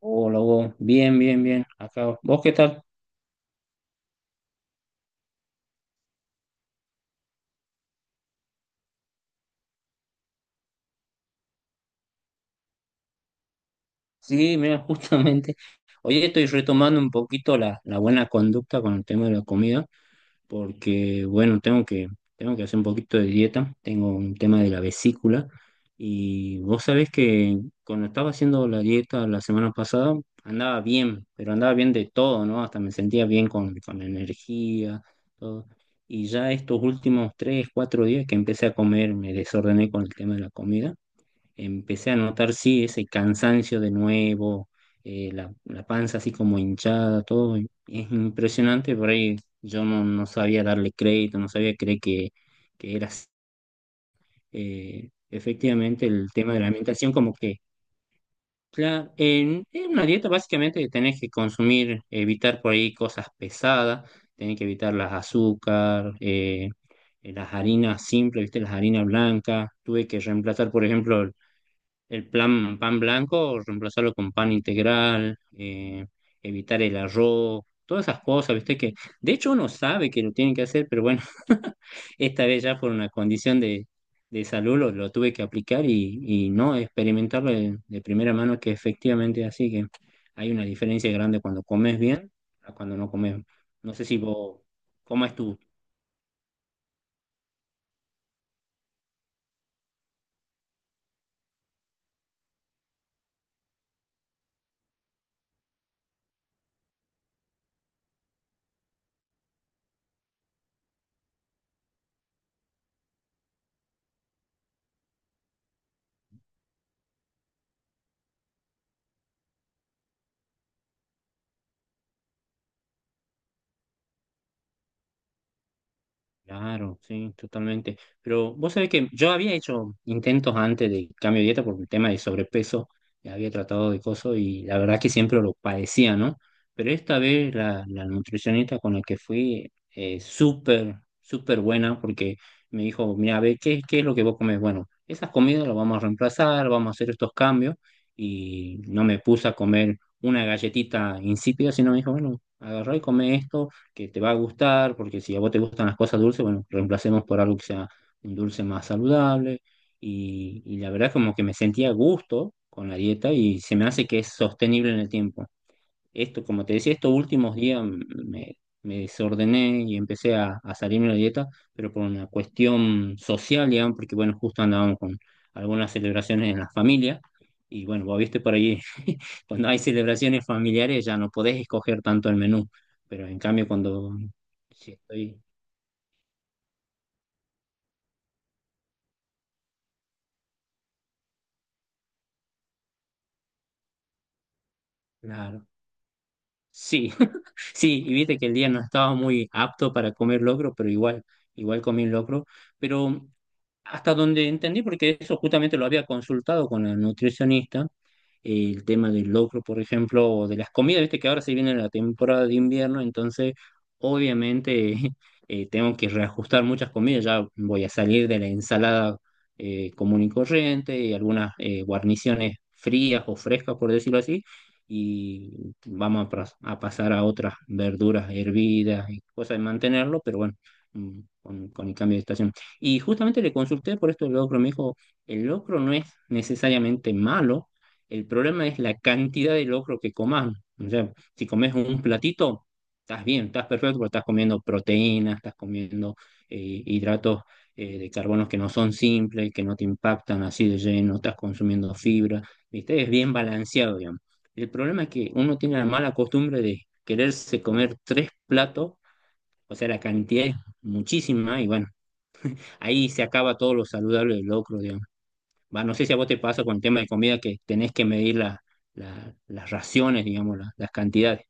Hola, Hugo. Bien, bien, bien. Acá. ¿Vos qué tal? Sí, mira, justamente. Hoy estoy retomando un poquito la buena conducta con el tema de la comida, porque, bueno, tengo que hacer un poquito de dieta. Tengo un tema de la vesícula. Y vos sabés que cuando estaba haciendo la dieta la semana pasada, andaba bien, pero andaba bien de todo, ¿no? Hasta me sentía bien con energía, todo. Y ya estos últimos tres, cuatro días que empecé a comer, me desordené con el tema de la comida, empecé a notar, sí, ese cansancio de nuevo, la panza así como hinchada, todo. Y es impresionante, por ahí yo no sabía darle crédito, no sabía creer que era así. Efectivamente el tema de la alimentación, como que, claro, en una dieta básicamente tenés que consumir, evitar por ahí cosas pesadas, tenés que evitar las azúcar, las harinas simples, ¿viste? Las harinas blancas. Tuve que reemplazar, por ejemplo, pan blanco, reemplazarlo con pan integral, evitar el arroz, todas esas cosas, ¿viste? Que de hecho uno sabe que lo tiene que hacer, pero bueno, esta vez ya por una condición de salud lo tuve que aplicar y no experimentarlo de primera mano, que efectivamente es así, que hay una diferencia grande cuando comes bien a cuando no comes. No sé si vos, ¿cómo es tu... Claro, sí, totalmente. Pero vos sabés que yo había hecho intentos antes de cambio de dieta por el tema de sobrepeso, ya había tratado de cosas y la verdad que siempre lo padecía, ¿no? Pero esta vez la nutricionista con la que fui, súper, súper buena, porque me dijo, mira, a ver, ¿ qué es lo que vos comés? Bueno, esas comidas las vamos a reemplazar, vamos a hacer estos cambios y no me puse a comer una galletita insípida, sino me dijo, bueno, agarrá y come esto que te va a gustar, porque si a vos te gustan las cosas dulces, bueno, reemplacemos por algo que sea un dulce más saludable. Y la verdad como que me sentía a gusto con la dieta y se me hace que es sostenible en el tiempo. Esto, como te decía, estos últimos días me desordené y empecé a salirme de la dieta, pero por una cuestión social, digamos, porque bueno, justo andábamos con algunas celebraciones en la familia, y bueno, vos viste por ahí, cuando hay celebraciones familiares ya no podés escoger tanto el menú, pero en cambio cuando sí, estoy, claro, sí, sí, y viste que el día no estaba muy apto para comer locro, pero igual, igual comí locro, pero hasta donde entendí, porque eso justamente lo había consultado con la nutricionista, el tema del locro, por ejemplo, o de las comidas, viste que ahora se viene la temporada de invierno, entonces obviamente tengo que reajustar muchas comidas, ya voy a salir de la ensalada común y corriente y algunas guarniciones frías o frescas, por decirlo así, y vamos a, a pasar a otras verduras hervidas y cosas de mantenerlo, pero bueno, con el cambio de estación. Y justamente le consulté por esto del locro. Me dijo, el locro no es necesariamente malo, el problema es la cantidad de locro que comas. O sea, si comes un platito, estás bien, estás perfecto, porque estás comiendo proteínas, estás comiendo hidratos de carbonos que no son simples, que no te impactan así de lleno, estás consumiendo fibra, ¿viste? Es bien balanceado, digamos. El problema es que uno tiene la mala costumbre de quererse comer tres platos, o sea, la cantidad es muchísima y bueno, ahí se acaba todo lo saludable del locro, digamos. Va, no sé si a vos te pasa con el tema de comida que tenés que medir las raciones, digamos, las cantidades.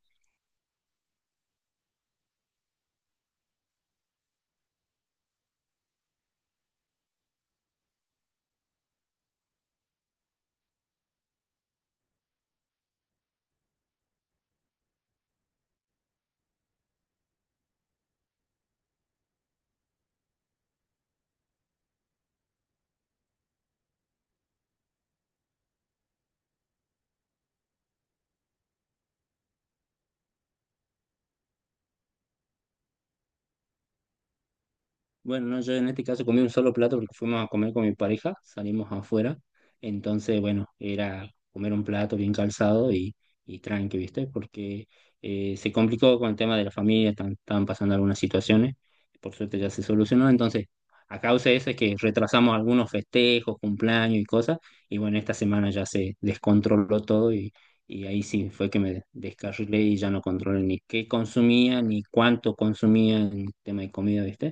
Bueno, no, yo en este caso comí un solo plato porque fuimos a comer con mi pareja, salimos afuera, entonces, bueno, era comer un plato bien calzado y tranqui, ¿viste? Porque se complicó con el tema de la familia, estaban pasando algunas situaciones, por suerte ya se solucionó, entonces, a causa de eso es que retrasamos algunos festejos, cumpleaños y cosas, y bueno, esta semana ya se descontroló todo y ahí sí fue que me descarrilé y ya no controlé ni qué consumía, ni cuánto consumía en tema de comida, ¿viste?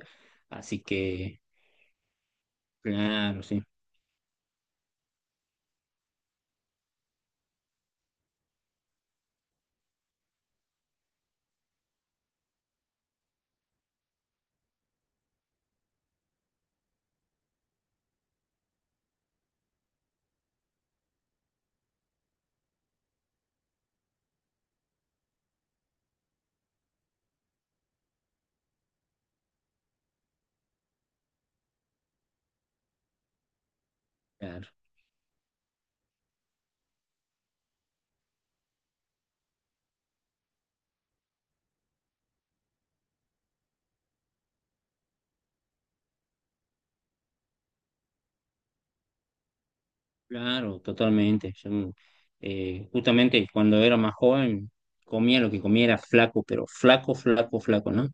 Así que, claro, sí, claro, claro, totalmente. Yo, justamente cuando era más joven, comía lo que comía, era flaco, pero flaco, flaco, flaco, ¿no?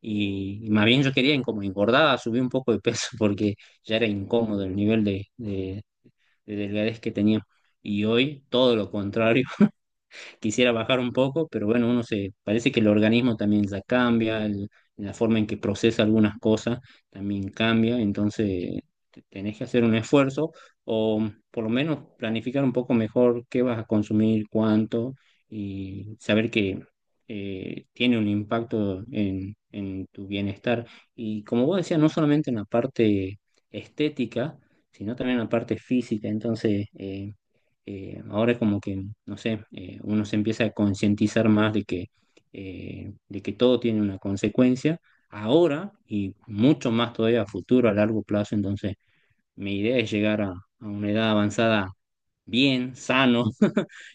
Y más bien yo quería, como engordaba, subir un poco de peso porque ya era incómodo el nivel de delgadez que tenía. Y hoy todo lo contrario, quisiera bajar un poco, pero bueno, uno se, parece que el organismo también ya cambia, la forma en que procesa algunas cosas también cambia, entonces tenés que hacer un esfuerzo o por lo menos planificar un poco mejor qué vas a consumir, cuánto, y saber que tiene un impacto en tu bienestar. Y como vos decías, no solamente en la parte estética, sino también en la parte física. Entonces, ahora como que, no sé, uno se empieza a concientizar más de que todo tiene una consecuencia, ahora y mucho más todavía a futuro, a largo plazo. Entonces, mi idea es llegar a una edad avanzada bien, sano,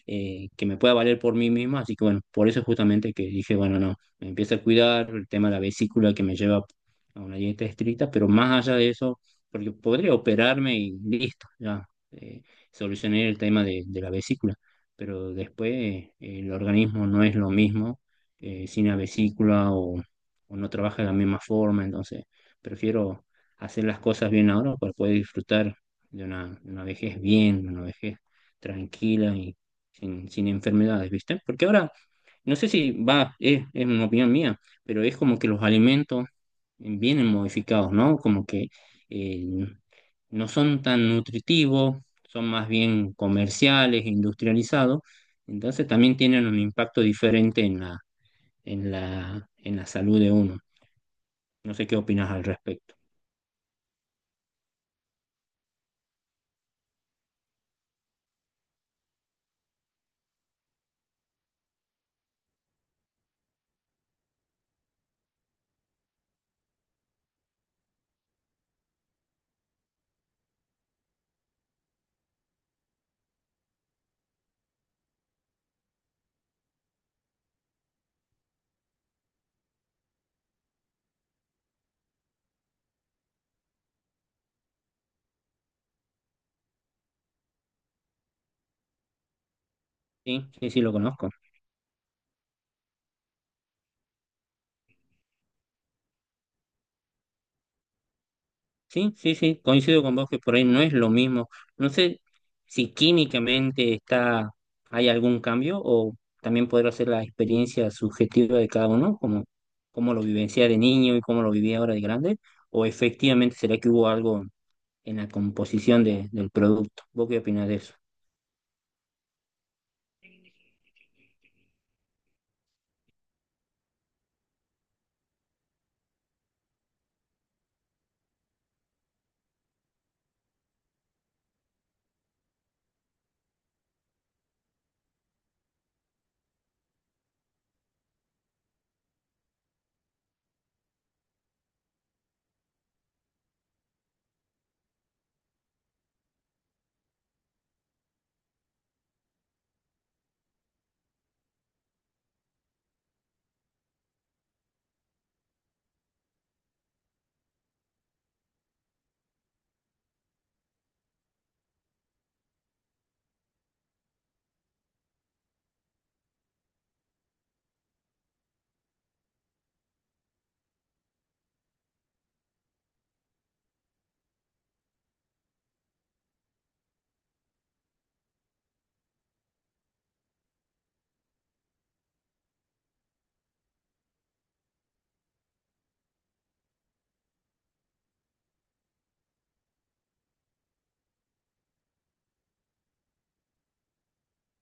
que me pueda valer por mí misma. Así que bueno, por eso justamente que dije, bueno, no, me empiezo a cuidar el tema de la vesícula que me lleva a una dieta estricta, pero más allá de eso, porque podría operarme y listo, ya eh, solucioné el tema de la vesícula, pero después el organismo no es lo mismo sin la vesícula o no trabaja de la misma forma, entonces prefiero hacer las cosas bien ahora para poder disfrutar de una vejez bien, de una vejez tranquila y, sin, sin enfermedades, ¿viste? Porque ahora, no sé si va, es una opinión mía, pero es como que los alimentos vienen modificados, ¿no? Como que eh, no son tan nutritivos, son más bien comerciales, industrializados, entonces también tienen un impacto diferente en la, en la, en la salud de uno. No sé qué opinas al respecto. Sí, sí, sí, lo conozco. Sí, sí, sí, coincido con vos que por ahí no es lo mismo. No sé si químicamente está, hay algún cambio, o también podrá ser la experiencia subjetiva de cada uno, como cómo lo vivencia de niño y cómo lo vivía ahora de grande, o efectivamente será que hubo algo en la composición del producto. ¿Vos qué opinás de eso?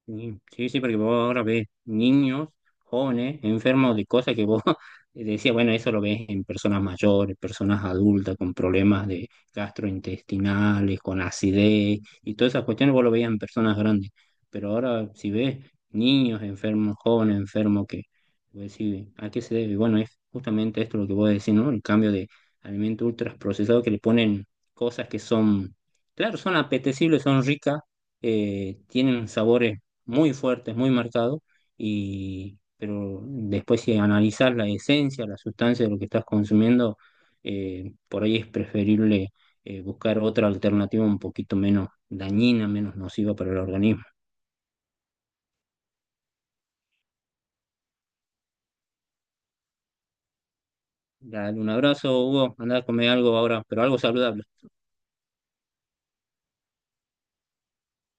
Sí, sí, sí, porque vos ahora ves niños, jóvenes, enfermos de cosas que vos decías, bueno, eso lo ves en personas mayores, personas adultas con problemas de gastrointestinales, con acidez y todas esas cuestiones vos lo veías en personas grandes. Pero ahora si ves niños enfermos, jóvenes enfermos, que vos decís, ¿a qué se debe? Y bueno, es justamente esto lo que vos decís, ¿no? El cambio de alimentos ultraprocesados, que le ponen cosas que son, claro, son apetecibles, son ricas, tienen sabores muy fuerte, muy marcado, y, pero después si analizas la esencia, la sustancia de lo que estás consumiendo, por ahí es preferible buscar otra alternativa un poquito menos dañina, menos nociva para el organismo. Dale un abrazo, Hugo, andá a comer algo ahora, pero algo saludable.